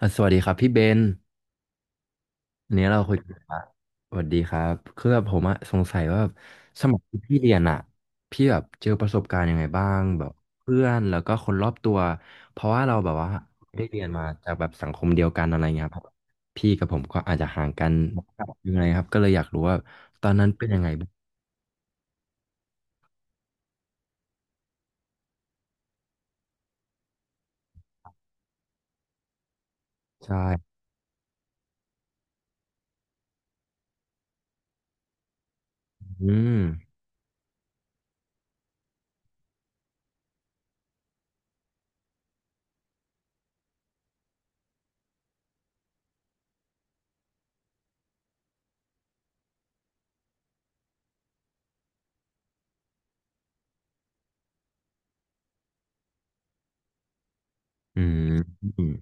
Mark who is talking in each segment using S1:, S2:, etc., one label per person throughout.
S1: อ่ะสวัสดีครับพี่เบนอันนี้เราคุยกันละสวัสดีครับคือแบบผมอะสงสัยว่าแบบสมัยที่พี่เรียนอะพี่แบบเจอประสบการณ์ยังไงบ้างแบบเพื่อนแล้วก็คนรอบตัวเพราะว่าเราแบบว่าได้เรียนมาจากแบบสังคมเดียวกันอะไรเงี้ยครับพี่กับผมก็อาจจะห่างกันยังไงครับก็เลยอยากรู้ว่าตอนนั้นเป็นยังไงบ้างใช่อืมอืมอืม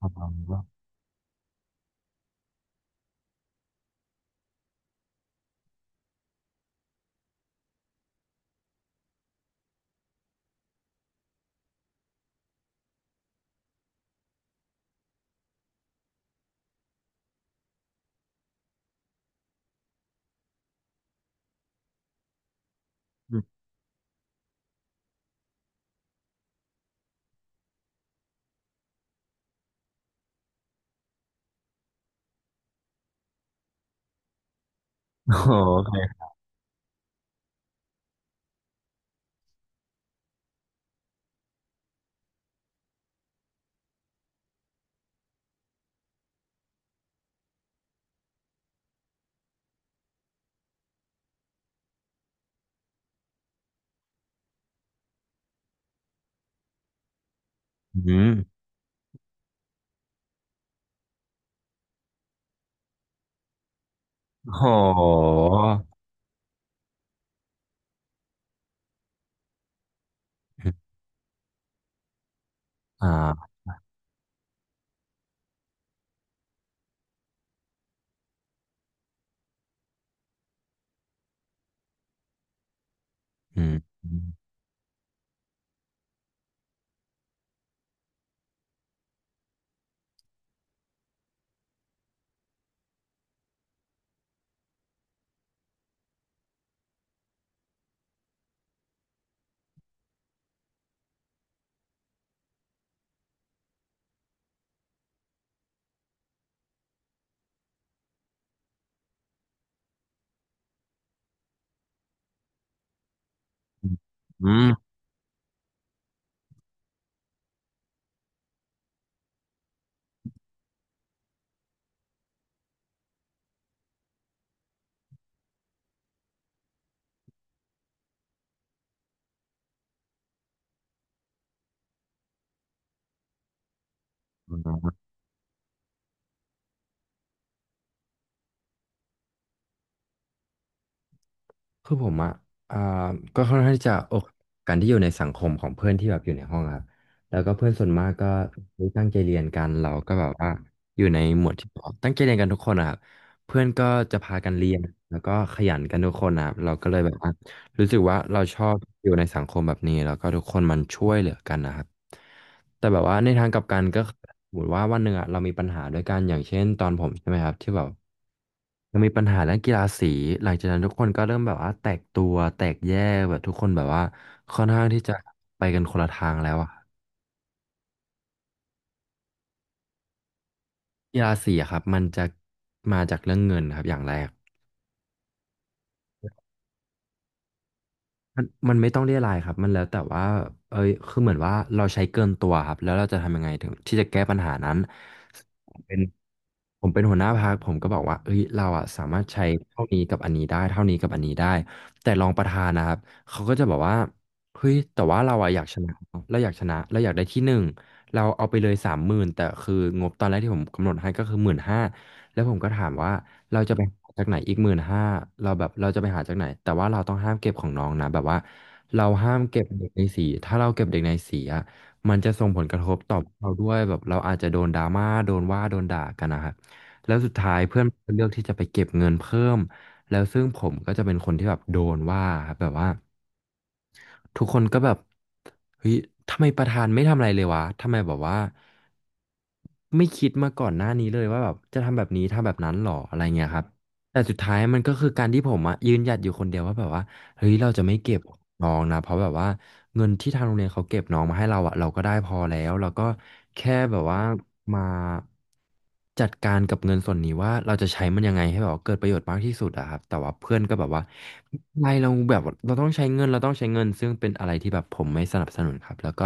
S1: ประมาณว่าอืมโอเคอืมโหอ่าอืม อืมอืมคือผมอ่ะอ่าก็ค่อนข้างที่จะโอคการที่อยู่ในสังคมของเพื่อนที่แบบอยู่ในห้องอะครับแล้วก็เพื่อนส่วนมากก็ตั้งใจเรียนกันเราก็แบบว่าอยู่ในหมวดที่ตั้งใจเรียนกันทุกคนอะครับเพื่อนก็จะพากันเรียนแล้วก็ขยันกันทุกคนนะครับเราก็เลยแบบว่า รู้สึกว่าเราชอบอยู่ในสังคมแบบนี้แล้วก็ทุกคนมันช่วยเหลือกันนะครับแต่แบบว่าในทางกลับกันก็คือสมมติว่าวันหนึ่งอะเรามีปัญหาด้วยกันอย่างเช่นตอนผมใช่ไหมครับที่แบบเรามีปัญหาเรื่องกีฬาสีหลังจากนั้นทุกคนก็เริ่มแบบว่าแตกตัวแตกแยกแบบทุกคนแบบว่าค่อนข้างที่จะไปกันคนละทางแล้วอะกีฬาสีอะครับมันจะมาจากเรื่องเงินครับอย่างแรก มันไม่ต้องเรียรายครับมันแล้วแต่ว่าเอ้ยคือเหมือนว่าเราใช้เกินตัวครับแล้วเราจะทำยังไงถึงที่จะแก้ปัญหานั้นเป็น ผมเป็นหัวหน้าพรรคผมก็บอกว่าเอ้ยเราอะสามารถใช้เท่านี้กับอันนี้ได้เท่านี้กับอันนี้ได้แต่รองประธานนะครับเขาก็จะบอกว่าเฮ้ยแต่ว่าเราอะอยากชนะเราอยากชนะเราอยากได้ที่หนึ่งเราเอาไปเลย30,000แต่คืองบตอนแรกที่ผมกำหนดให้ก็คือหมื่นห้าแล้วผมก็ถามว่าเราจะไปหาจากไหนอีกหมื่นห้าเราแบบเราจะไปหาจากไหนแต่ว่าเราต้องห้ามเก็บของน้องนะแบบว่าเราห้ามเก็บเด็กในสีถ้าเราเก็บเด็กในสีอะมันจะส่งผลกระทบต่อเราด้วยแบบเราอาจจะโดนดราม่าโดนว่าโดนด่ากันนะครับ แล้วสุดท้ายเพื่อนเลือกที่จะไปเก็บเงินเพิ่มแล้วซึ่งผมก็จะเป็นคนที่แบบโดนว่าครับแบบว่าทุกคนก็แบบเฮ้ยทำไมประธานไม่ทำอะไรเลยวะทำไมแบบว่าไม่คิดมาก่อนหน้านี้เลยว่าแบบจะทำแบบนี้ทำแบบนั้นหรออะไรเงี้ยครับแต่สุดท้ายมันก็คือการที่ผมอะยืนหยัดอยู่คนเดียวว่าแบบว่า เฮ้ยเราจะไม่เก็บน้องนะเพราะแบบว่าเงินที่ทางโรงเรียนเขาเก็บน้องมาให้เราอะเราก็ได้พอแล้วเราก็แค่แบบว่ามาจัดการกับเงินส่วนนี้ว่าเราจะใช้มันยังไงให้แบบว่าเกิดประโยชน์มากที่สุดอะครับแต่ว่าเพื่อนก็แบบว่าไม่เราแบบเราต้องใช้เงินเราต้องใช้เงินซึ่งเป็นอะไรที่แบบผมไม่สนับสนุนครับแล้วก็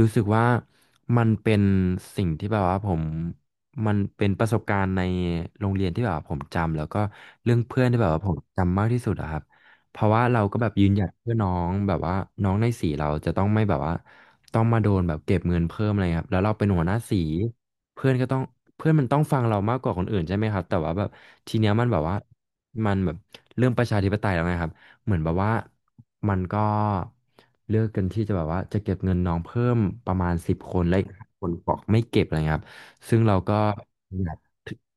S1: รู้สึกว่ามันเป็นสิ่งที่แบบว่าผมมันเป็นประสบการณ์ในโรงเรียนที่แบบว่าผมจำแล้วก็เรื่องเพื่อนที่แบบว่าผมจำมากที่สุดอะครับ เพราะว่าเราก็แบบยืนหยัดเพื่อน้องแบบว่าน้องในสีเราจะต้องไม่แบบว่าต้องมาโดนแบบเก็บเงินเพิ่มอะไรครับแล้วเราเป็นหัวหน้าสีเพื่อนก็ต้องเพื่อนมันต้องฟังเรามากกว่าคนอื่นใช่ไหมครับแต่ว่าแบบทีเนี้ยมันแบบว่ามันแบบเรื่องประชาธิปไตยแล้วไงครับเหมือนแบบว่ามันก็เลือกกันที่จะแบบว่าจะเก็บเงินน้องเพิ่มประมาณ10 คนและอีก5 คนบอกไม่เก็บอะไรเงี้ยครับซึ่งเราก็อยาก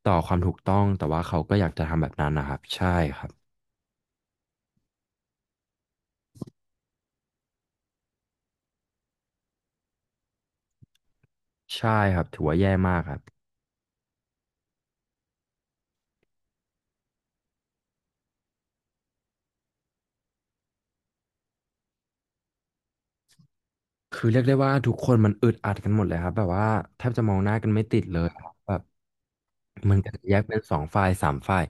S1: ต่อความถูกต้องแต่ว่าเขาก็อยากจะทำแบบนั้นนะครับใช่ครับ ใช่ครับถือว่าแย่มากครับคือเรียกได้ว่าทุกคนมันอึดอัดกันหมดเลยครับแบบว่าแทบจะมองหน้ากันไม่ติดเลยครับแบบมันก็จะแยกเป็นสองฝ่ายสามฝ่าย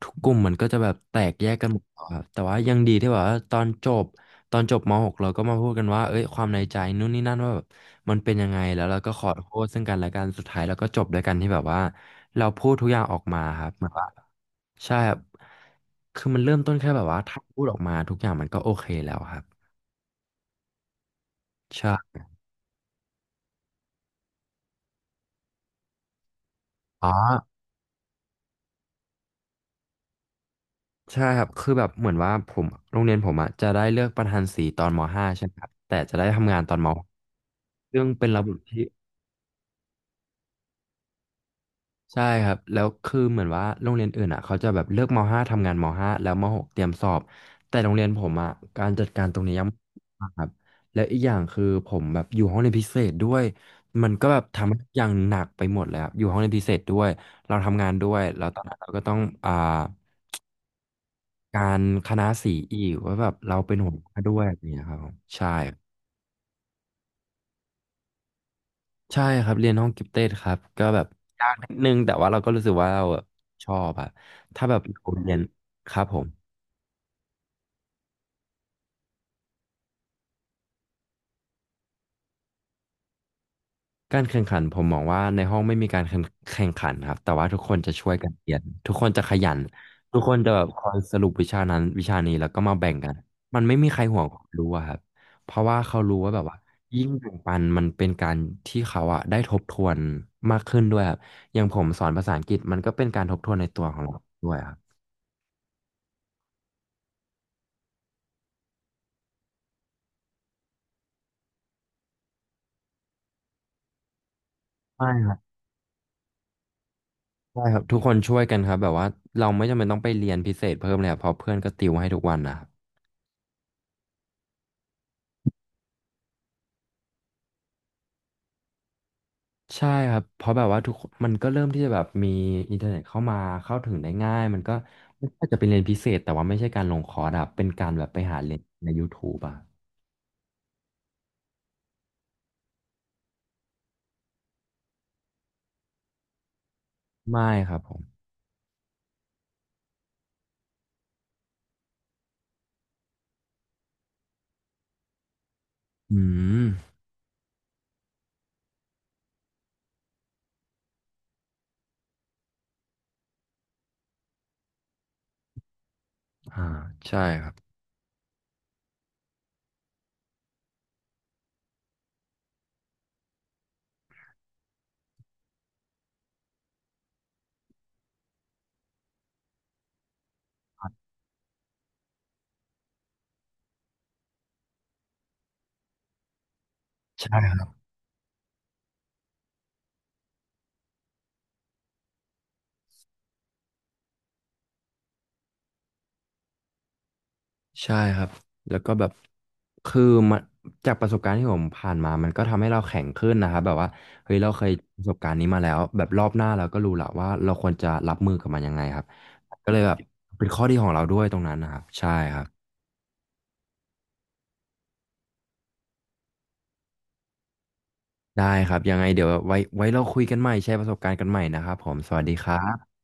S1: ทุกกลุ่มมันก็จะแบบแตกแยกกันหมดครับแต่ว่ายังดีที่แบบว่าตอนจบมหกเราก็มาพูดกันว่าเอ้ยความในใจนู่นนี่นั่นว่าแบบมันเป็นยังไงแล้วเราก็ขอโทษซึ่งกันและกันสุดท้ายเราก็จบด้วยกันที่แบบว่าเราพูดทุกอย่างออกมาครับเหมือนว่าใช่ครับคือมันเริ่มต้นแค่แบบว่าถ้าพูดออกมาทุกอย่างมันก็โอเคแล้วครับ ใช่อ๋อใช่ครับคือแบบเหมือนว่าผมโรงเรียนผมอะจะได้เลือกประธานสีตอนมห้าใช่ไหมครับแต่จะได้ทำงานตอนม .6 ซึ่งเป็นระบบที่ใช่ครับแล้วคือเหมือนว่าโรงเรียนอื่นอะเขาจะแบบเลือกม .5 ทำงานมห้าแล้วมหกเตรียมสอบแต่โรงเรียนผมอะการจัดการตรงนี้ยังไม่ครับแล้วอีกอย่างคือผมแบบอยู่ห้องเรียนพิเศษด้วย มันก็แบบทำให้อย่างหนักไปหมดเลยครับอยู่ห้องเรียนพิเศษด้วยเราทำงานด้วยแล้วตอนนั้นเราก็ต้องอ่า การคณะสีอีกว่าแบบเราเป็นหัวหน้าด้วยอะไรอย่างเงี้ยครับผมใช่ใช่ครับเรียนห้องกิฟเต็ดครับก็แบบยากนิดนึงแต่ว่าเราก็รู้สึกว่าเราชอบอะถ้าแบบเราเรียนครับผม การแข่งขันผมมองว่าในห้องไม่มีการแข่งขันครับแต่ว่าทุกคนจะช่วยกันเรียนทุกคนจะขยันทุกคนจะแบบคอยสรุปวิชานั้นวิชานี้แล้วก็มาแบ่งกันมันไม่มีใครห่วงความรู้อะครับเพราะว่าเขารู้ว่าแบบว่ายิ่งแบ่งปันมันเป็นการที่เขาอะได้ทบทวนมากขึ้นด้วยครับอย่างผมสอนภาษาอังกฤษมันก็เป็นการทบทวนในตัวของเราด้วยครับใช่ครับใช่ครับทุกคนช่วยกันครับแบบว่าเราไม่จำเป็นต้องไปเรียนพิเศษเพิ่มเลยครับเพราะเพื่อนก็ติวให้ทุกวันนะครับ ใช่ครับเพราะแบบว่าทุกคนมันก็เริ่มที่จะแบบมีอินเทอร์เน็ตเข้ามาเข้าถึงได้ง่ายมันก็ไม่ใช่จะเป็นเรียนพิเศษแต่ว่าไม่ใช่การลงคอร์สอะเป็นการแบบไปหาเรียนใน YouTube อะไม่ครับผมอืมอ่าใช่ครับใช่ครับใช่ครับแล้วก็แบบคือมันจากประสบการณ์ที่ผมผ่านมามันก็ทำให้เราแข็งขึ้นนะครับแบบว่าเฮ้ยเราเคยประสบการณ์นี้มาแล้วแบบรอบหน้าเราก็รู้ละว่าเราควรจะรับมือกับมันยังไงครับก็เลยแบบเป็นข้อดีของเราด้วยตรงนั้นนะครับใช่ครับ ได้ครับยังไงเดี๋ยวไว้เราคุยกันใหม่แชร์ประสบการณ์กันใหม่นะครับผมสวัสดีครับ